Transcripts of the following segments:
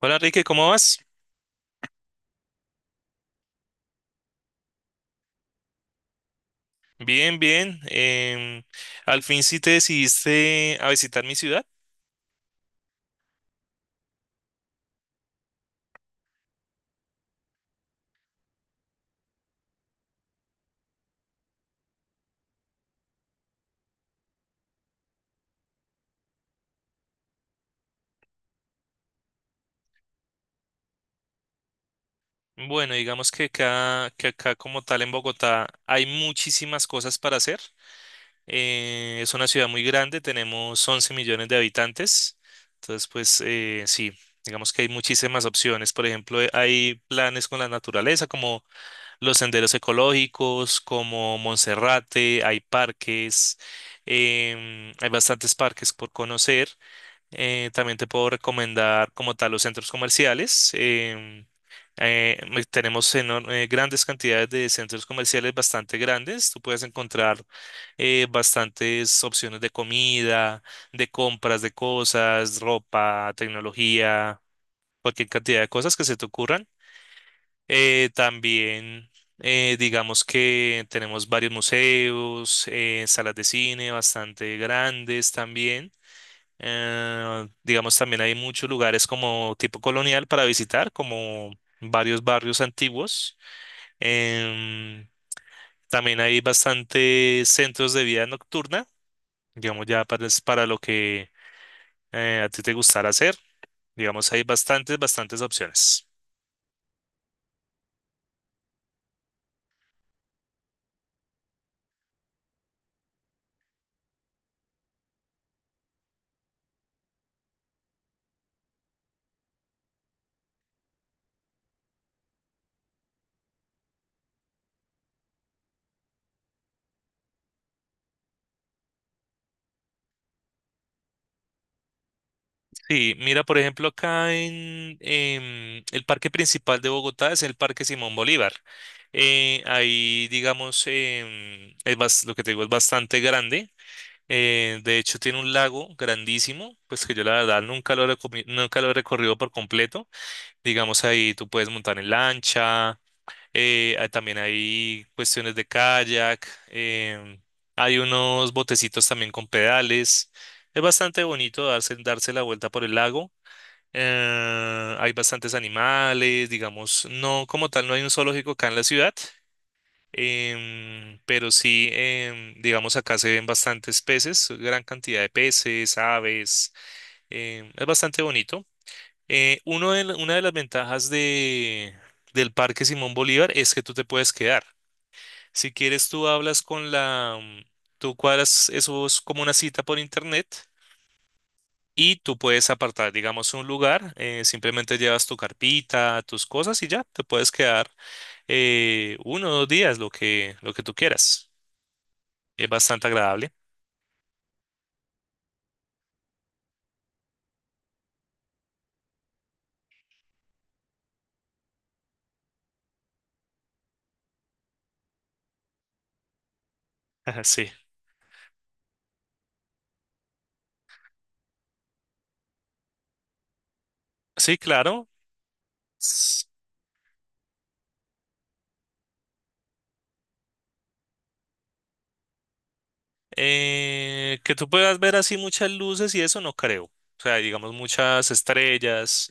Hola Enrique, ¿cómo vas? Bien, bien. Al fin sí te decidiste a visitar mi ciudad. Bueno, digamos que acá como tal en Bogotá hay muchísimas cosas para hacer. Es una ciudad muy grande, tenemos 11 millones de habitantes. Entonces, pues sí, digamos que hay muchísimas opciones. Por ejemplo, hay planes con la naturaleza como los senderos ecológicos, como Monserrate, hay parques, hay bastantes parques por conocer. También te puedo recomendar como tal los centros comerciales. Tenemos grandes cantidades de centros comerciales bastante grandes. Tú puedes encontrar bastantes opciones de comida, de compras de cosas, ropa, tecnología, cualquier cantidad de cosas que se te ocurran. También, digamos que tenemos varios museos, salas de cine bastante grandes también. Digamos, también hay muchos lugares como tipo colonial para visitar, como varios barrios antiguos. Em, También hay bastantes centros de vida nocturna, digamos, es para lo que a ti te gustará hacer. Digamos, hay bastantes, bastantes opciones. Sí, mira, por ejemplo, acá en el parque principal de Bogotá es el Parque Simón Bolívar. Ahí, digamos, lo que te digo es bastante grande. De hecho, tiene un lago grandísimo, pues que yo la verdad nunca lo he recorrido por completo. Digamos, ahí tú puedes montar en lancha, también hay cuestiones de kayak, hay unos botecitos también con pedales. Es bastante bonito darse la vuelta por el lago. Hay bastantes animales, digamos, no como tal, no hay un zoológico acá en la ciudad. Pero sí, digamos, acá se ven bastantes peces, gran cantidad de peces, aves, es bastante bonito. Una de las ventajas del Parque Simón Bolívar es que tú te puedes quedar. Si quieres, tú hablas tú cuadras, eso es como una cita por internet y tú puedes apartar, digamos, un lugar, simplemente llevas tu carpita, tus cosas y ya, te puedes quedar uno o dos días, lo que tú quieras. Es bastante agradable. Ajá, sí, sí, claro. S- que tú puedas ver así muchas luces y eso no creo. O sea, digamos muchas estrellas,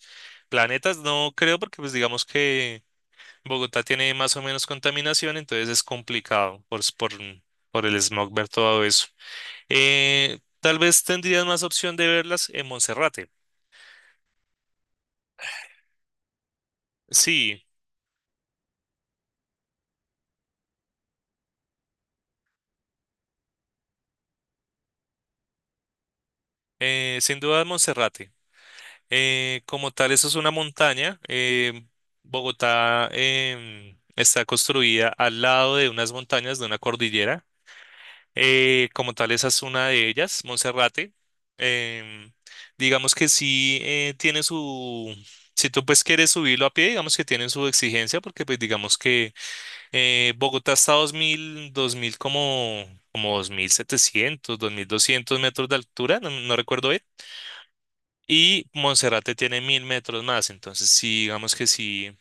planetas, no creo porque pues digamos que Bogotá tiene más o menos contaminación, entonces es complicado por el smog ver todo eso. Tal vez tendrías más opción de verlas en Monserrate. Sí, sin duda Monserrate. Como tal, eso es una montaña. Bogotá está construida al lado de unas montañas, de una cordillera. Como tal, esa es una de ellas, Monserrate. Em, digamos que sí tiene su... Si tú pues quieres subirlo a pie, digamos que tienen su exigencia, porque pues digamos que Bogotá está a dos mil, dos mil como dos 2.700, 2.200 metros de altura, no recuerdo bien. Y Monserrate tiene 1.000 metros más, entonces sí, digamos que sí,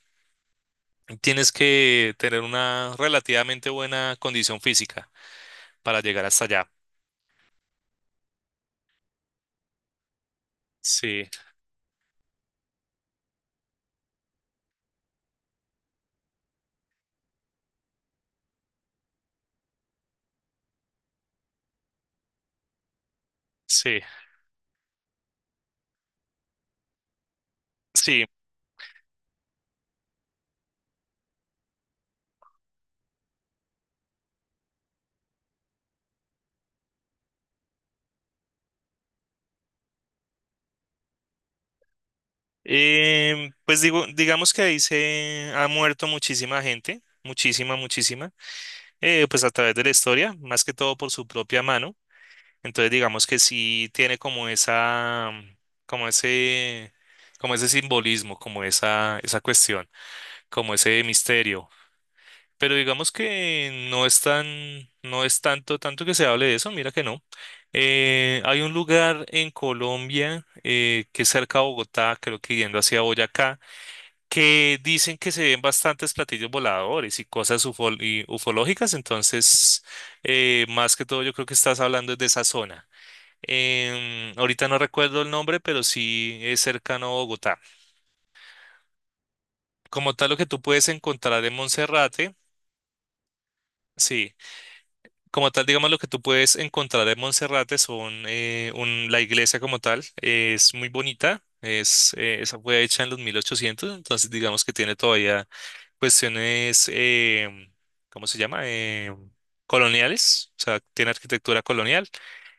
tienes que tener una relativamente buena condición física para llegar hasta allá. Sí, sí, sí. Digamos que ahí se ha muerto muchísima gente, muchísima, muchísima, pues a través de la historia, más que todo por su propia mano. Entonces digamos que sí tiene como ese, como ese simbolismo, como esa cuestión, como ese misterio. Pero digamos que no es tanto, tanto que se hable de eso, mira que no. Hay un lugar en Colombia que es cerca de Bogotá, creo que yendo hacia Boyacá, que dicen que se ven bastantes platillos voladores y cosas y ufológicas, entonces más que todo yo creo que estás hablando de esa zona. Ahorita no recuerdo el nombre, pero sí es cercano a Bogotá. Como tal, lo que tú puedes encontrar en Monserrate, sí. Como tal, digamos, lo que tú puedes encontrar en Monserrate son la iglesia como tal, es muy bonita, esa fue hecha en los 1800, entonces digamos que tiene todavía cuestiones, ¿cómo se llama? Coloniales, o sea, tiene arquitectura colonial.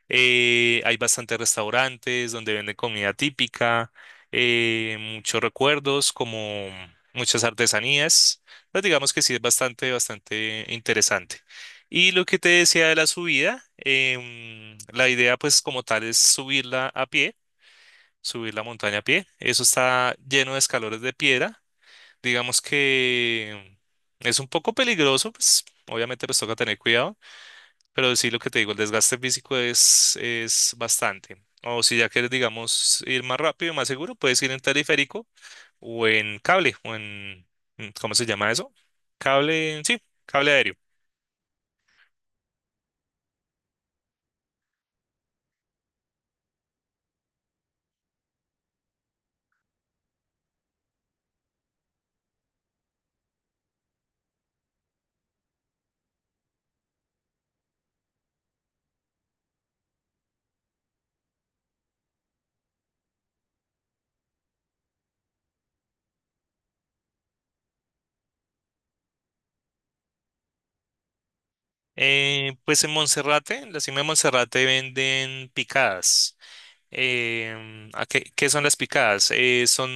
Hay bastantes restaurantes donde venden comida típica, muchos recuerdos, como muchas artesanías. Entonces, digamos que sí es bastante, bastante interesante. Y lo que te decía de la subida, la idea pues como tal es subirla a pie, subir la montaña a pie. Eso está lleno de escalones de piedra. Digamos que es un poco peligroso, pues obviamente pues toca tener cuidado, pero sí lo que te digo, el desgaste físico es bastante. O si ya quieres, digamos, ir más rápido y más seguro, puedes ir en teleférico o en cable, ¿cómo se llama eso? Cable, sí, cable aéreo. Pues en Monserrate, en la cima de Monserrate venden picadas. ¿Qué son las picadas? Son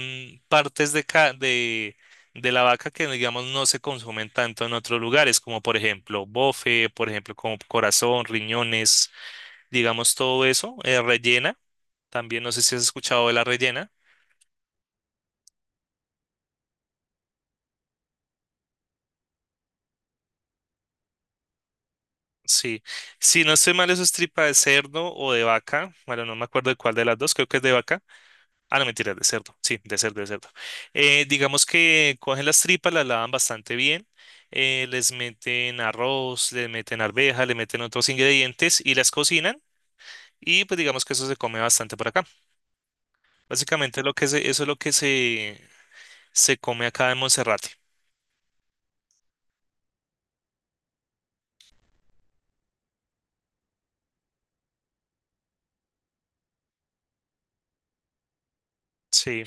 partes de la vaca que, digamos, no se consumen tanto en otros lugares, como por ejemplo bofe, por ejemplo, como corazón, riñones, digamos, todo eso. Rellena, también no sé si has escuchado de la rellena. Sí, si no estoy mal, eso es tripa de cerdo o de vaca. Bueno, no me acuerdo de cuál de las dos, creo que es de vaca. Ah, no, mentira, de cerdo. Sí, de cerdo, de cerdo. Digamos que cogen las tripas, las lavan bastante bien. Les meten arroz, les meten arveja, le meten otros ingredientes y las cocinan. Y pues digamos que eso se come bastante por acá. Básicamente eso es lo que se come acá en Monserrate. Sí,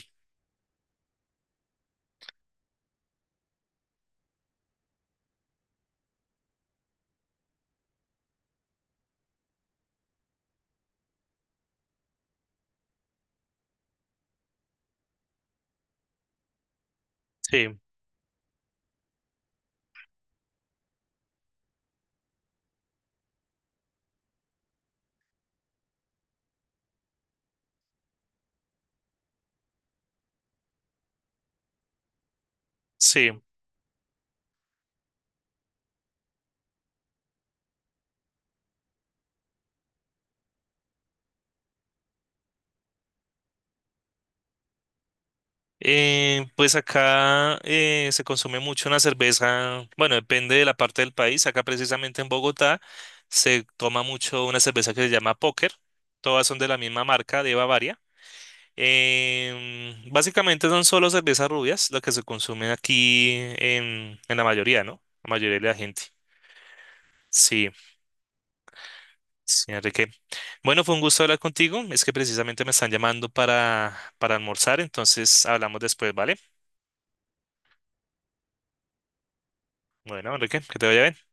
sí, sí. Pues acá se consume mucho una cerveza, bueno, depende de la parte del país. Acá precisamente en Bogotá se toma mucho una cerveza que se llama Póker. Todas son de la misma marca, de Bavaria. Básicamente son solo cervezas rubias lo que se consume aquí en la mayoría, ¿no? La mayoría de la gente. Sí, sí, Enrique. Bueno, fue un gusto hablar contigo. Es que precisamente me están llamando para almorzar, entonces hablamos después, ¿vale? Bueno, Enrique, que te vaya bien.